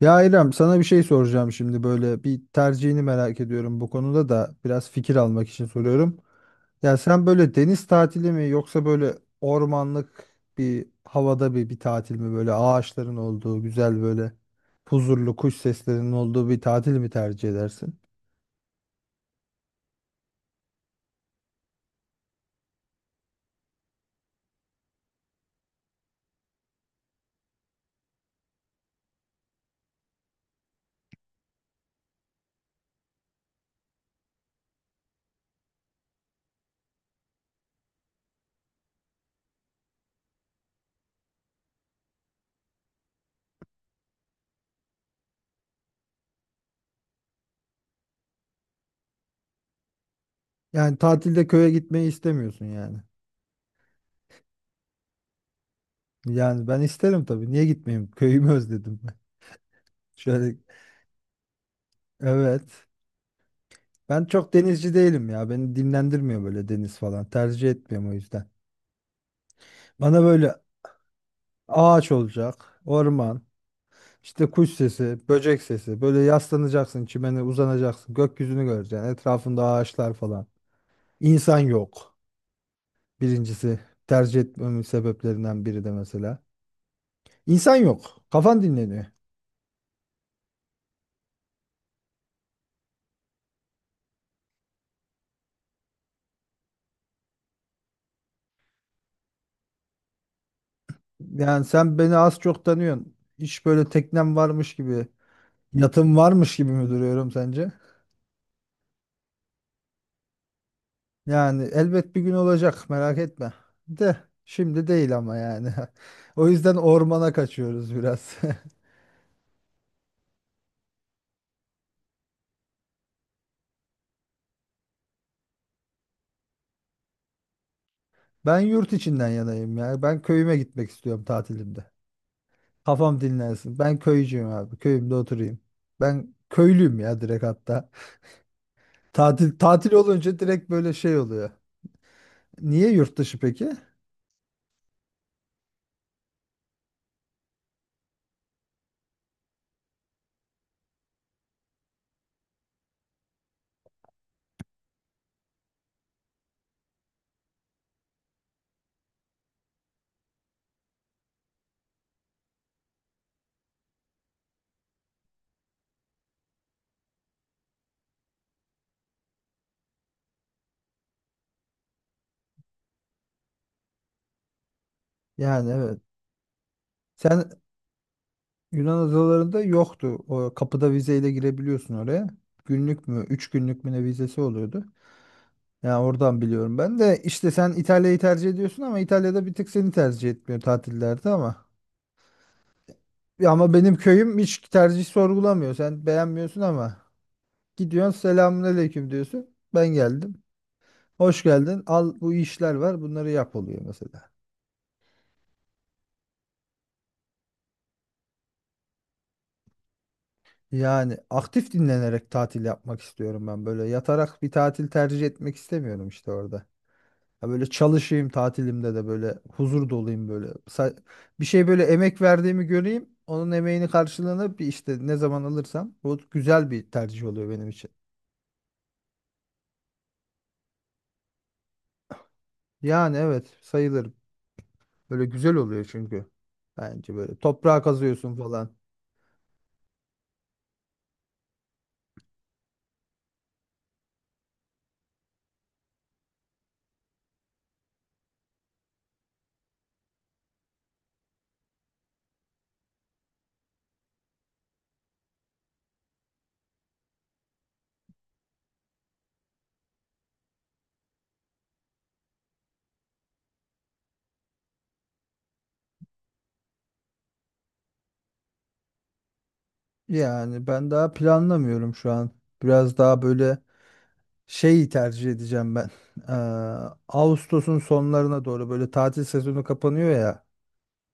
Ya İrem, sana bir şey soracağım şimdi. Böyle bir tercihini merak ediyorum, bu konuda da biraz fikir almak için soruyorum. Ya sen böyle deniz tatili mi, yoksa böyle ormanlık bir havada bir tatil mi, böyle ağaçların olduğu güzel, böyle huzurlu, kuş seslerinin olduğu bir tatil mi tercih edersin? Yani tatilde köye gitmeyi istemiyorsun yani. Yani ben isterim tabii, niye gitmeyeyim, köyümü özledim ben. Şöyle, evet. Ben çok denizci değilim ya. Beni dinlendirmiyor böyle deniz falan. Tercih etmiyorum o yüzden. Bana böyle ağaç olacak, orman, işte kuş sesi, böcek sesi. Böyle yaslanacaksın, çimene uzanacaksın, gökyüzünü göreceksin. Etrafında ağaçlar falan. İnsan yok. Birincisi, tercih etmemin sebeplerinden biri de mesela. İnsan yok. Kafan dinleniyor. Yani sen beni az çok tanıyorsun. Hiç böyle teknem varmış gibi, yatım varmış gibi mi duruyorum sence? Yani elbet bir gün olacak, merak etme. De şimdi değil ama yani. O yüzden ormana kaçıyoruz biraz. Ben yurt içinden yanayım ya. Ben köyüme gitmek istiyorum tatilimde. Kafam dinlensin. Ben köycüyüm abi. Köyümde oturayım. Ben köylüyüm ya, direkt hatta. Tatil tatil olunca direkt böyle şey oluyor. Niye yurt dışı peki? Yani evet. Sen Yunan adalarında yoktu. O kapıda vizeyle girebiliyorsun oraya. Günlük mü, 3 günlük mü, ne vizesi oluyordu? Ya oradan biliyorum ben de, işte sen İtalya'yı tercih ediyorsun ama İtalya'da bir tık seni tercih etmiyor tatillerde ama. Ya ama benim köyüm hiç tercih sorgulamıyor. Sen beğenmiyorsun ama gidiyorsun, selamünaleyküm diyorsun, ben geldim. Hoş geldin. Al, bu işler var. Bunları yap, oluyor mesela. Yani aktif dinlenerek tatil yapmak istiyorum ben böyle. Yatarak bir tatil tercih etmek istemiyorum, işte orada. Ya böyle çalışayım tatilimde de böyle huzur dolayım böyle. Bir şey böyle, emek verdiğimi göreyim. Onun emeğini, karşılığını bir işte ne zaman alırsam, bu güzel bir tercih oluyor benim için. Yani evet, sayılır. Böyle güzel oluyor çünkü. Bence böyle toprağa kazıyorsun falan. Yani ben daha planlamıyorum şu an. Biraz daha böyle şeyi tercih edeceğim ben. Eee, Ağustos'un sonlarına doğru böyle tatil sezonu kapanıyor ya,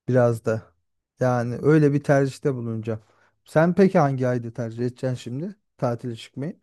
biraz da. Yani öyle bir tercihte bulunacağım. Sen peki hangi ayda tercih edeceksin şimdi tatile çıkmayı?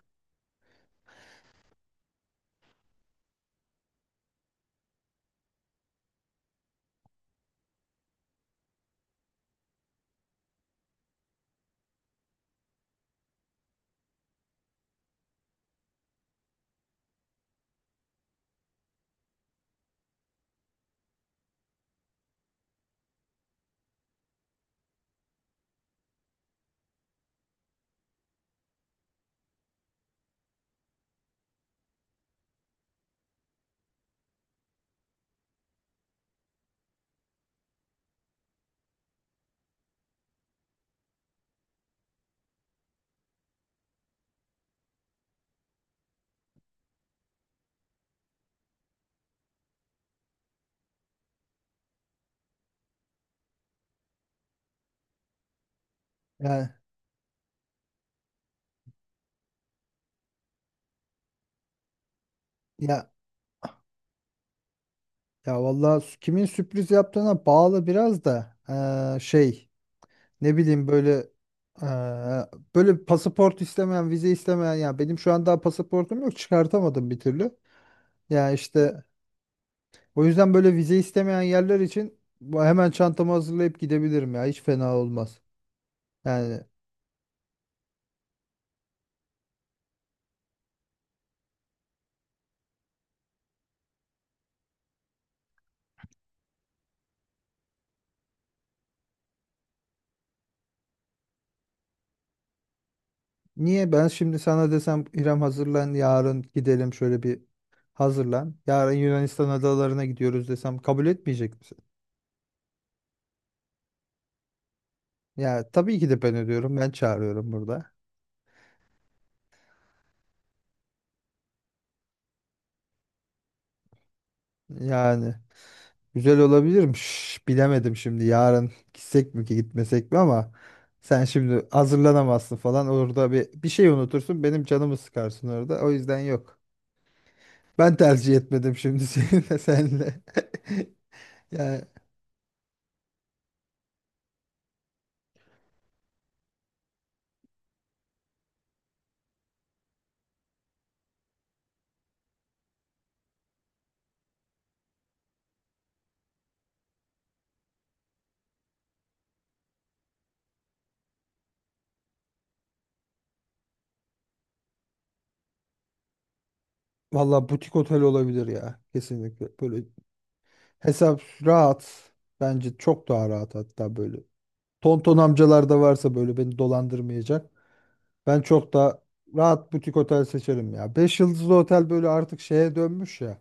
Ya, ya, ya vallahi, kimin sürpriz yaptığına bağlı biraz da. Şey, ne bileyim böyle, eee, böyle pasaport istemeyen, vize istemeyen. Ya benim şu an daha pasaportum yok, çıkartamadım bir türlü. Ya işte o yüzden böyle vize istemeyen yerler için hemen çantamı hazırlayıp gidebilirim, ya hiç fena olmaz. Yani niye ben şimdi sana desem, İrem hazırlan, yarın gidelim, şöyle bir hazırlan. Yarın Yunanistan adalarına gidiyoruz desem kabul etmeyecek misin? Ya tabii ki de ben ödüyorum. Ben çağırıyorum burada. Yani güzel olabilirmiş. Bilemedim şimdi, yarın gitsek mi ki, gitmesek mi ama sen şimdi hazırlanamazsın falan. Orada bir şey unutursun. Benim canımı sıkarsın orada. O yüzden yok. Ben tercih etmedim şimdi, senle. Yani valla butik otel olabilir ya. Kesinlikle. Böyle hesap rahat. Bence çok daha rahat hatta böyle. Tonton amcalar da varsa böyle, beni dolandırmayacak. Ben çok daha rahat butik otel seçerim ya. 5 yıldızlı otel böyle artık şeye dönmüş ya.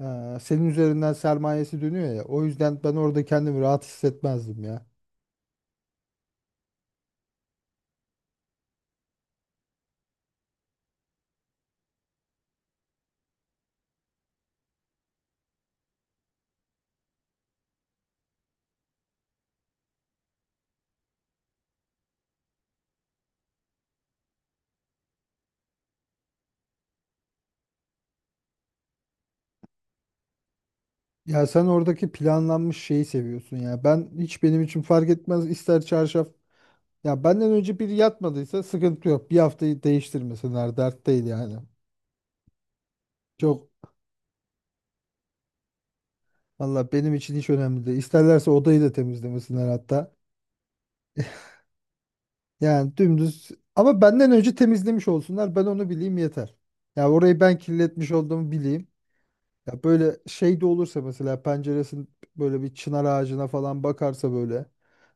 Senin üzerinden sermayesi dönüyor ya. O yüzden ben orada kendimi rahat hissetmezdim ya. Ya sen oradaki planlanmış şeyi seviyorsun ya. Ben, hiç benim için fark etmez, ister çarşaf. Ya benden önce biri yatmadıysa sıkıntı yok. Bir haftayı değiştirmesinler, dert değil yani. Çok. Valla benim için hiç önemli değil. İsterlerse odayı da temizlemesinler hatta. Yani dümdüz, ama benden önce temizlemiş olsunlar, ben onu bileyim yeter. Ya orayı ben kirletmiş olduğumu bileyim. Ya böyle şey de olursa mesela, penceresin böyle bir çınar ağacına falan bakarsa, böyle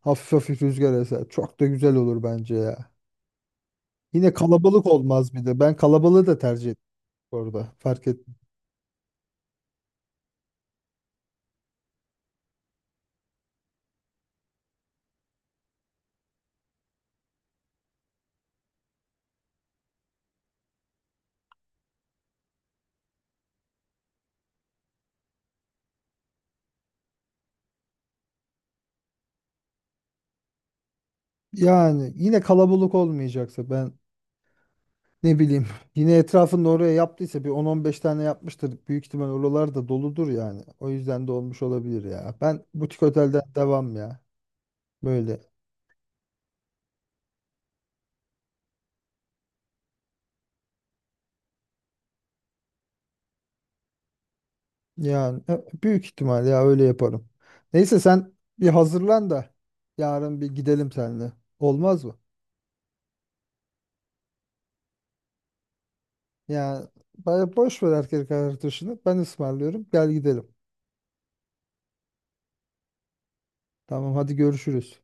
hafif hafif rüzgar eser. Çok da güzel olur bence ya. Yine kalabalık olmaz bir de. Ben kalabalığı da tercih ettim orada, fark et. Yani yine kalabalık olmayacaksa ben, ne bileyim. Yine etrafında, oraya yaptıysa bir 10-15 tane yapmıştır. Büyük ihtimal oralar da doludur yani. O yüzden de olmuş olabilir ya. Ben butik otelden devam ya. Böyle. Yani büyük ihtimal ya öyle yaparım. Neyse sen bir hazırlan da, yarın bir gidelim seninle. Olmaz mı? Yani bana boş ver erkek arkadaşını. Ben ısmarlıyorum. Gel gidelim. Tamam, hadi görüşürüz.